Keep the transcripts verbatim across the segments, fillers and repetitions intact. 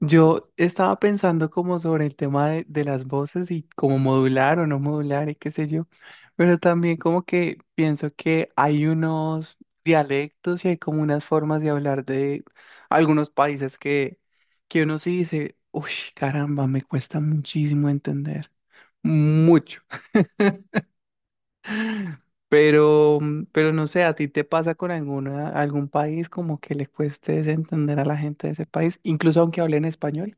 Yo estaba pensando como sobre el tema de, de las voces y como modular o no modular y qué sé yo, pero también como que pienso que hay unos dialectos y hay como unas formas de hablar de algunos países que, que uno sí dice, uy, caramba, me cuesta muchísimo entender, mucho. Pero, mm, pero no sé, ¿a ti te pasa con alguna, algún país como que le cueste entender a la gente de ese país, incluso aunque hablen español?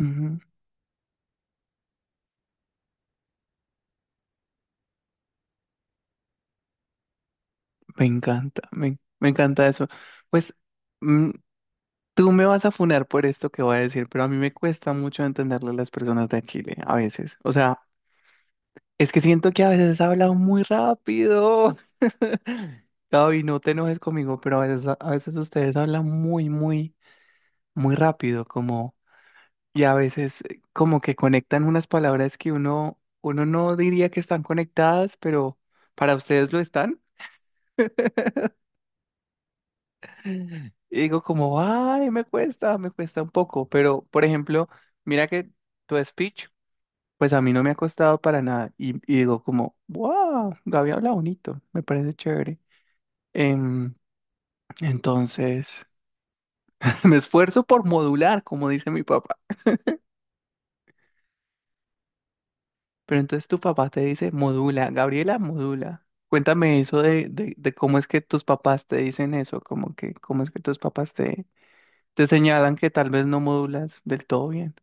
Ujú. Me encanta, me, me encanta eso. Pues, mm, Tú me vas a funar por esto que voy a decir, pero a mí me cuesta mucho entenderle a las personas de Chile a veces. O sea, es que siento que a veces hablan muy rápido. Gaby, no te enojes conmigo, pero a veces, a veces ustedes hablan muy, muy, muy rápido, como, y a veces eh, como que conectan unas palabras que uno, uno no diría que están conectadas, pero para ustedes lo están. Y digo como, ay, me cuesta, me cuesta un poco, pero por ejemplo, mira que tu speech, pues a mí no me ha costado para nada. Y, y digo como, wow, Gaby habla bonito, me parece chévere. Em, entonces, Me esfuerzo por modular, como dice mi papá. Pero entonces tu papá te dice, modula, Gabriela, modula. Cuéntame eso de, de, de cómo es que tus papás te dicen eso, como que, cómo es que tus papás te, te señalan que tal vez no modulas del todo bien.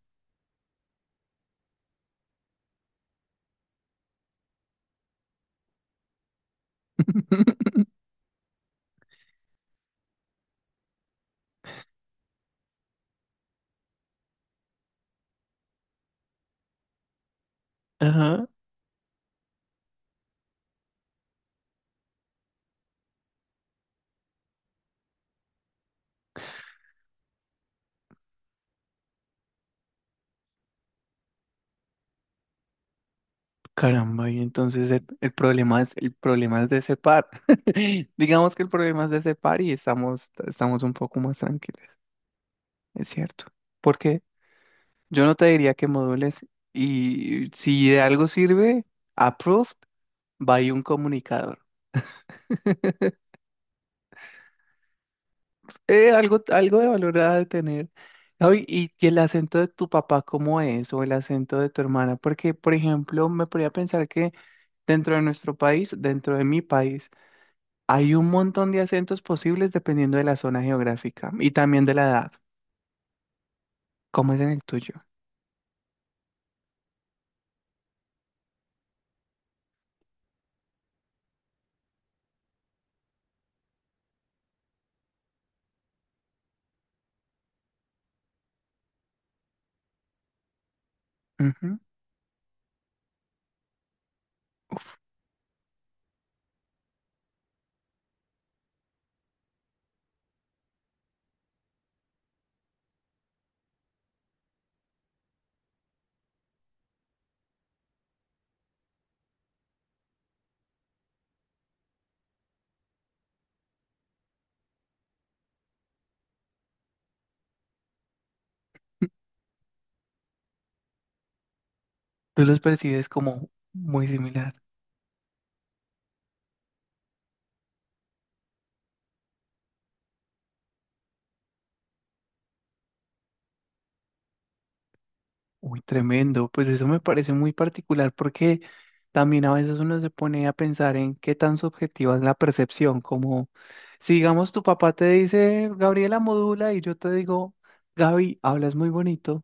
Ajá. Caramba, y entonces el, el problema es, el problema es de ese par. Digamos que el problema es de ese par y estamos, estamos un poco más tranquilos, es cierto. Porque yo no te diría que modules y si de algo sirve, approved, va ahí un comunicador. Eh, algo, algo de valor ha de tener. Ay, y, y el acento de tu papá, ¿cómo es? O el acento de tu hermana. Porque, por ejemplo, me podría pensar que dentro de nuestro país, dentro de mi país, hay un montón de acentos posibles dependiendo de la zona geográfica y también de la edad, como es en el tuyo. Ujú. Tú los percibes como muy similar. Uy, tremendo. Pues eso me parece muy particular porque también a veces uno se pone a pensar en qué tan subjetiva es la percepción. Como si, digamos, tu papá te dice, Gabriela modula, y yo te digo, Gaby, hablas muy bonito.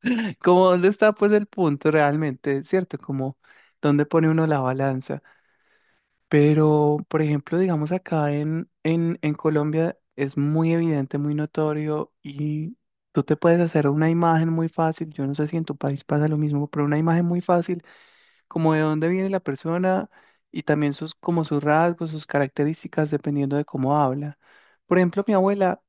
Como, ¿dónde está pues el punto realmente? ¿Cierto? Como, ¿dónde pone uno la balanza? Pero, por ejemplo, digamos acá en, en, en Colombia es muy evidente, muy notorio y tú te puedes hacer una imagen muy fácil. Yo no sé si en tu país pasa lo mismo, pero una imagen muy fácil como de dónde viene la persona y también sus, como sus rasgos, sus características, dependiendo de cómo habla. Por ejemplo, mi abuela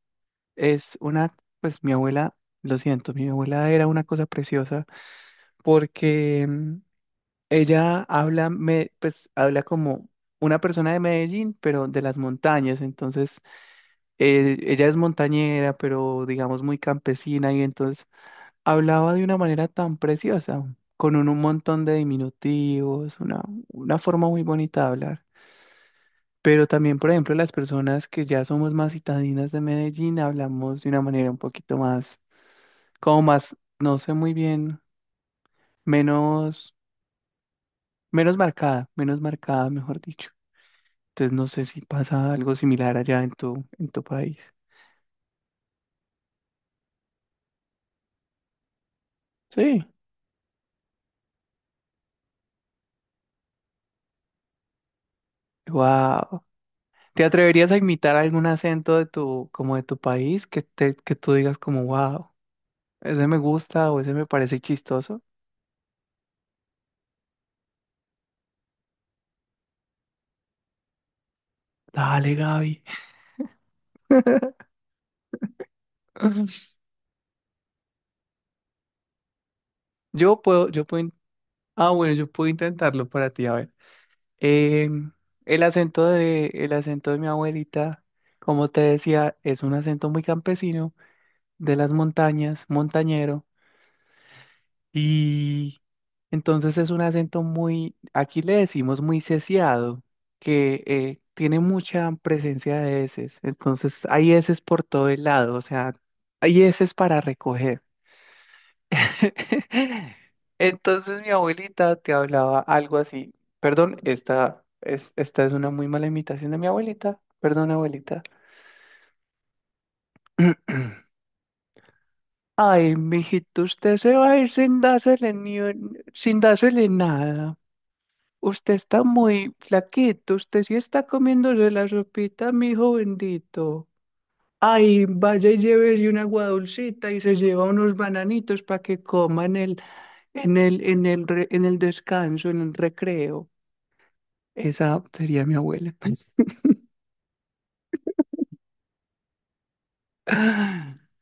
es una, pues mi abuela, lo siento, mi abuela era una cosa preciosa porque mm, ella habla, me, pues habla como una persona de Medellín, pero de las montañas. Entonces, eh, ella es montañera, pero digamos muy campesina y entonces hablaba de una manera tan preciosa, con un, un montón de diminutivos, una, una forma muy bonita de hablar. Pero también, por ejemplo, las personas que ya somos más citadinas de Medellín, hablamos de una manera un poquito más, como más, no sé muy bien, menos, menos marcada, menos marcada, mejor dicho. Entonces no sé si pasa algo similar allá en tu, en tu país. Sí. Wow. ¿Te atreverías a imitar algún acento de tu, como de tu país que te, que tú digas como wow, ese me gusta o ese me parece chistoso? Dale, Gaby. Yo puedo, yo puedo, in- ah, bueno, yo puedo intentarlo para ti, a ver. Em, el acento de, el acento de mi abuelita, como te decía, es un acento muy campesino, de las montañas, montañero. Y entonces es un acento muy, aquí le decimos muy sesiado, que eh, tiene mucha presencia de eses. Entonces hay eses por todo el lado, o sea, hay eses para recoger. Entonces mi abuelita te hablaba algo así. Perdón, esta es, esta es una muy mala imitación de mi abuelita. Perdón, abuelita. Ay, mijito, usted se va a ir sin dársele ni un- sin dársele nada. Usted está muy flaquito, usted sí está comiéndose la sopita, mi hijo bendito. Ay, vaya y llévese una agua dulcita y se lleva unos bananitos para que coman en el, en el, en el, re- en el descanso, en el recreo. Esa sería mi abuela.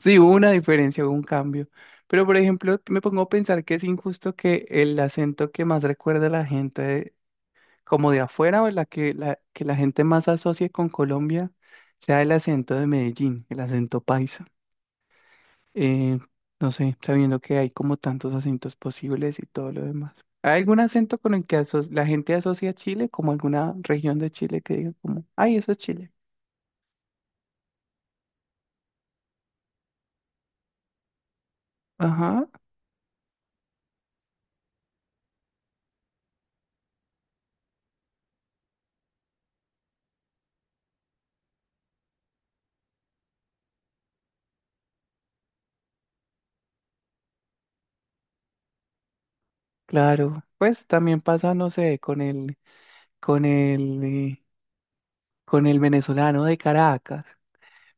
Sí, hubo una diferencia, hubo un cambio. Pero, por ejemplo, me pongo a pensar que es injusto que el acento que más recuerda a la gente como de afuera o la que la, que la gente más asocie con Colombia sea el acento de Medellín, el acento paisa. Eh, no sé, sabiendo que hay como tantos acentos posibles y todo lo demás. ¿Hay algún acento con el que aso- la gente asocia a Chile, como alguna región de Chile que diga como, ay, eso es Chile? Ajá, claro. Pues también pasa, no sé, con el, con el, eh, con el venezolano de Caracas.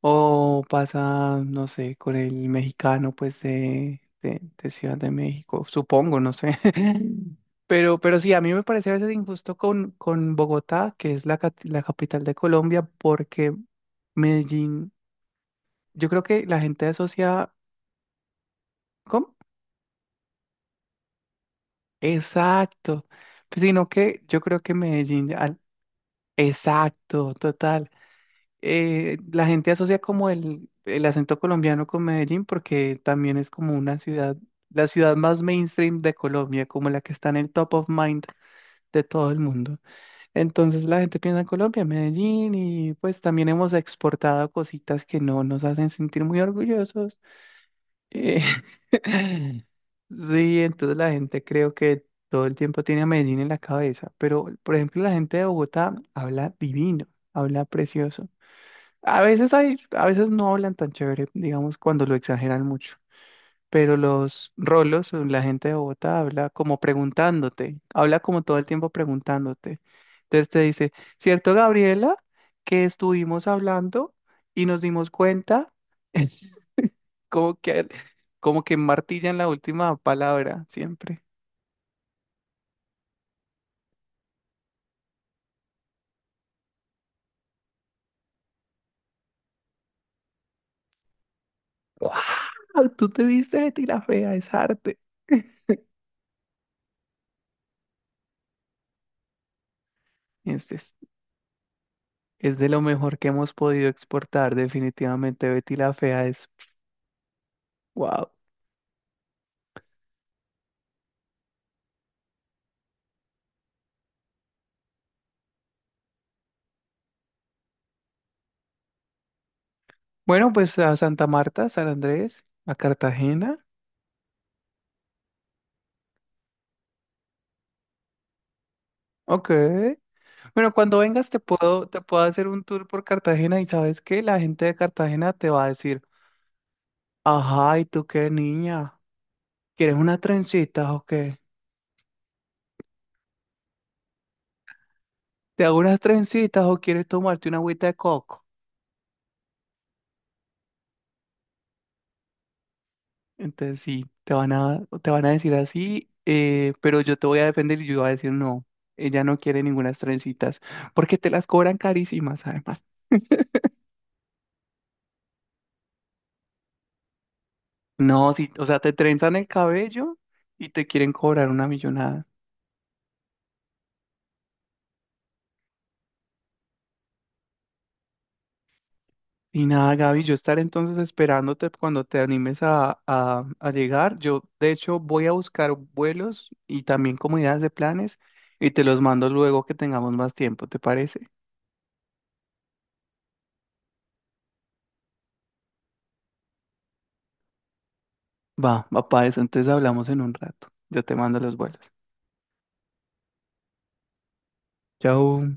O pasa, no sé, con el mexicano, pues, de, de, de Ciudad de México, supongo, no sé. Pero, pero sí, a mí me parece a veces injusto con, con Bogotá, que es la, cat- la capital de Colombia, porque Medellín, yo creo que la gente asocia... ¿Cómo? Exacto. Pues, sino que yo creo que Medellín... al- Exacto, total. Eh, la gente asocia como el, el acento colombiano con Medellín porque también es como una ciudad, la ciudad más mainstream de Colombia, como la que está en el top of mind de todo el mundo. Entonces la gente piensa en Colombia, Medellín y pues también hemos exportado cositas que no nos hacen sentir muy orgullosos. Eh, Sí, entonces la gente creo que todo el tiempo tiene a Medellín en la cabeza, pero por ejemplo la gente de Bogotá habla divino, habla precioso. A veces hay, a veces no hablan tan chévere, digamos, cuando lo exageran mucho. Pero los rolos, o la gente de Bogotá habla como preguntándote, habla como todo el tiempo preguntándote. Entonces te dice, ¿cierto, Gabriela, que estuvimos hablando y nos dimos cuenta? como que, como que martillan la última palabra siempre. ¡Wow! Tú te viste de tira fea, es arte. Este es Es de lo mejor que hemos podido exportar, definitivamente. Betty la Fea es wow. Bueno, pues a Santa Marta, San Andrés, a Cartagena. Ok. Bueno, cuando vengas te puedo, te puedo hacer un tour por Cartagena y sabes qué la gente de Cartagena te va a decir, ajá, ¿y tú qué niña? ¿Quieres unas trencitas o qué? ¿Te hago unas trencitas o quieres tomarte una agüita de coco? Entonces sí, te van a, te van a decir así, eh, pero yo te voy a defender y yo voy a decir no, ella no quiere ninguna trencitas, porque te las cobran carísimas además. No, sí, o sea, te trenzan el cabello y te quieren cobrar una millonada. Y nada, Gaby, yo estaré entonces esperándote cuando te animes a, a, a llegar. Yo, de hecho, voy a buscar vuelos y también comunidades de planes y te los mando luego que tengamos más tiempo, ¿te parece? Va, va para eso, entonces hablamos en un rato. Yo te mando los vuelos. Chau.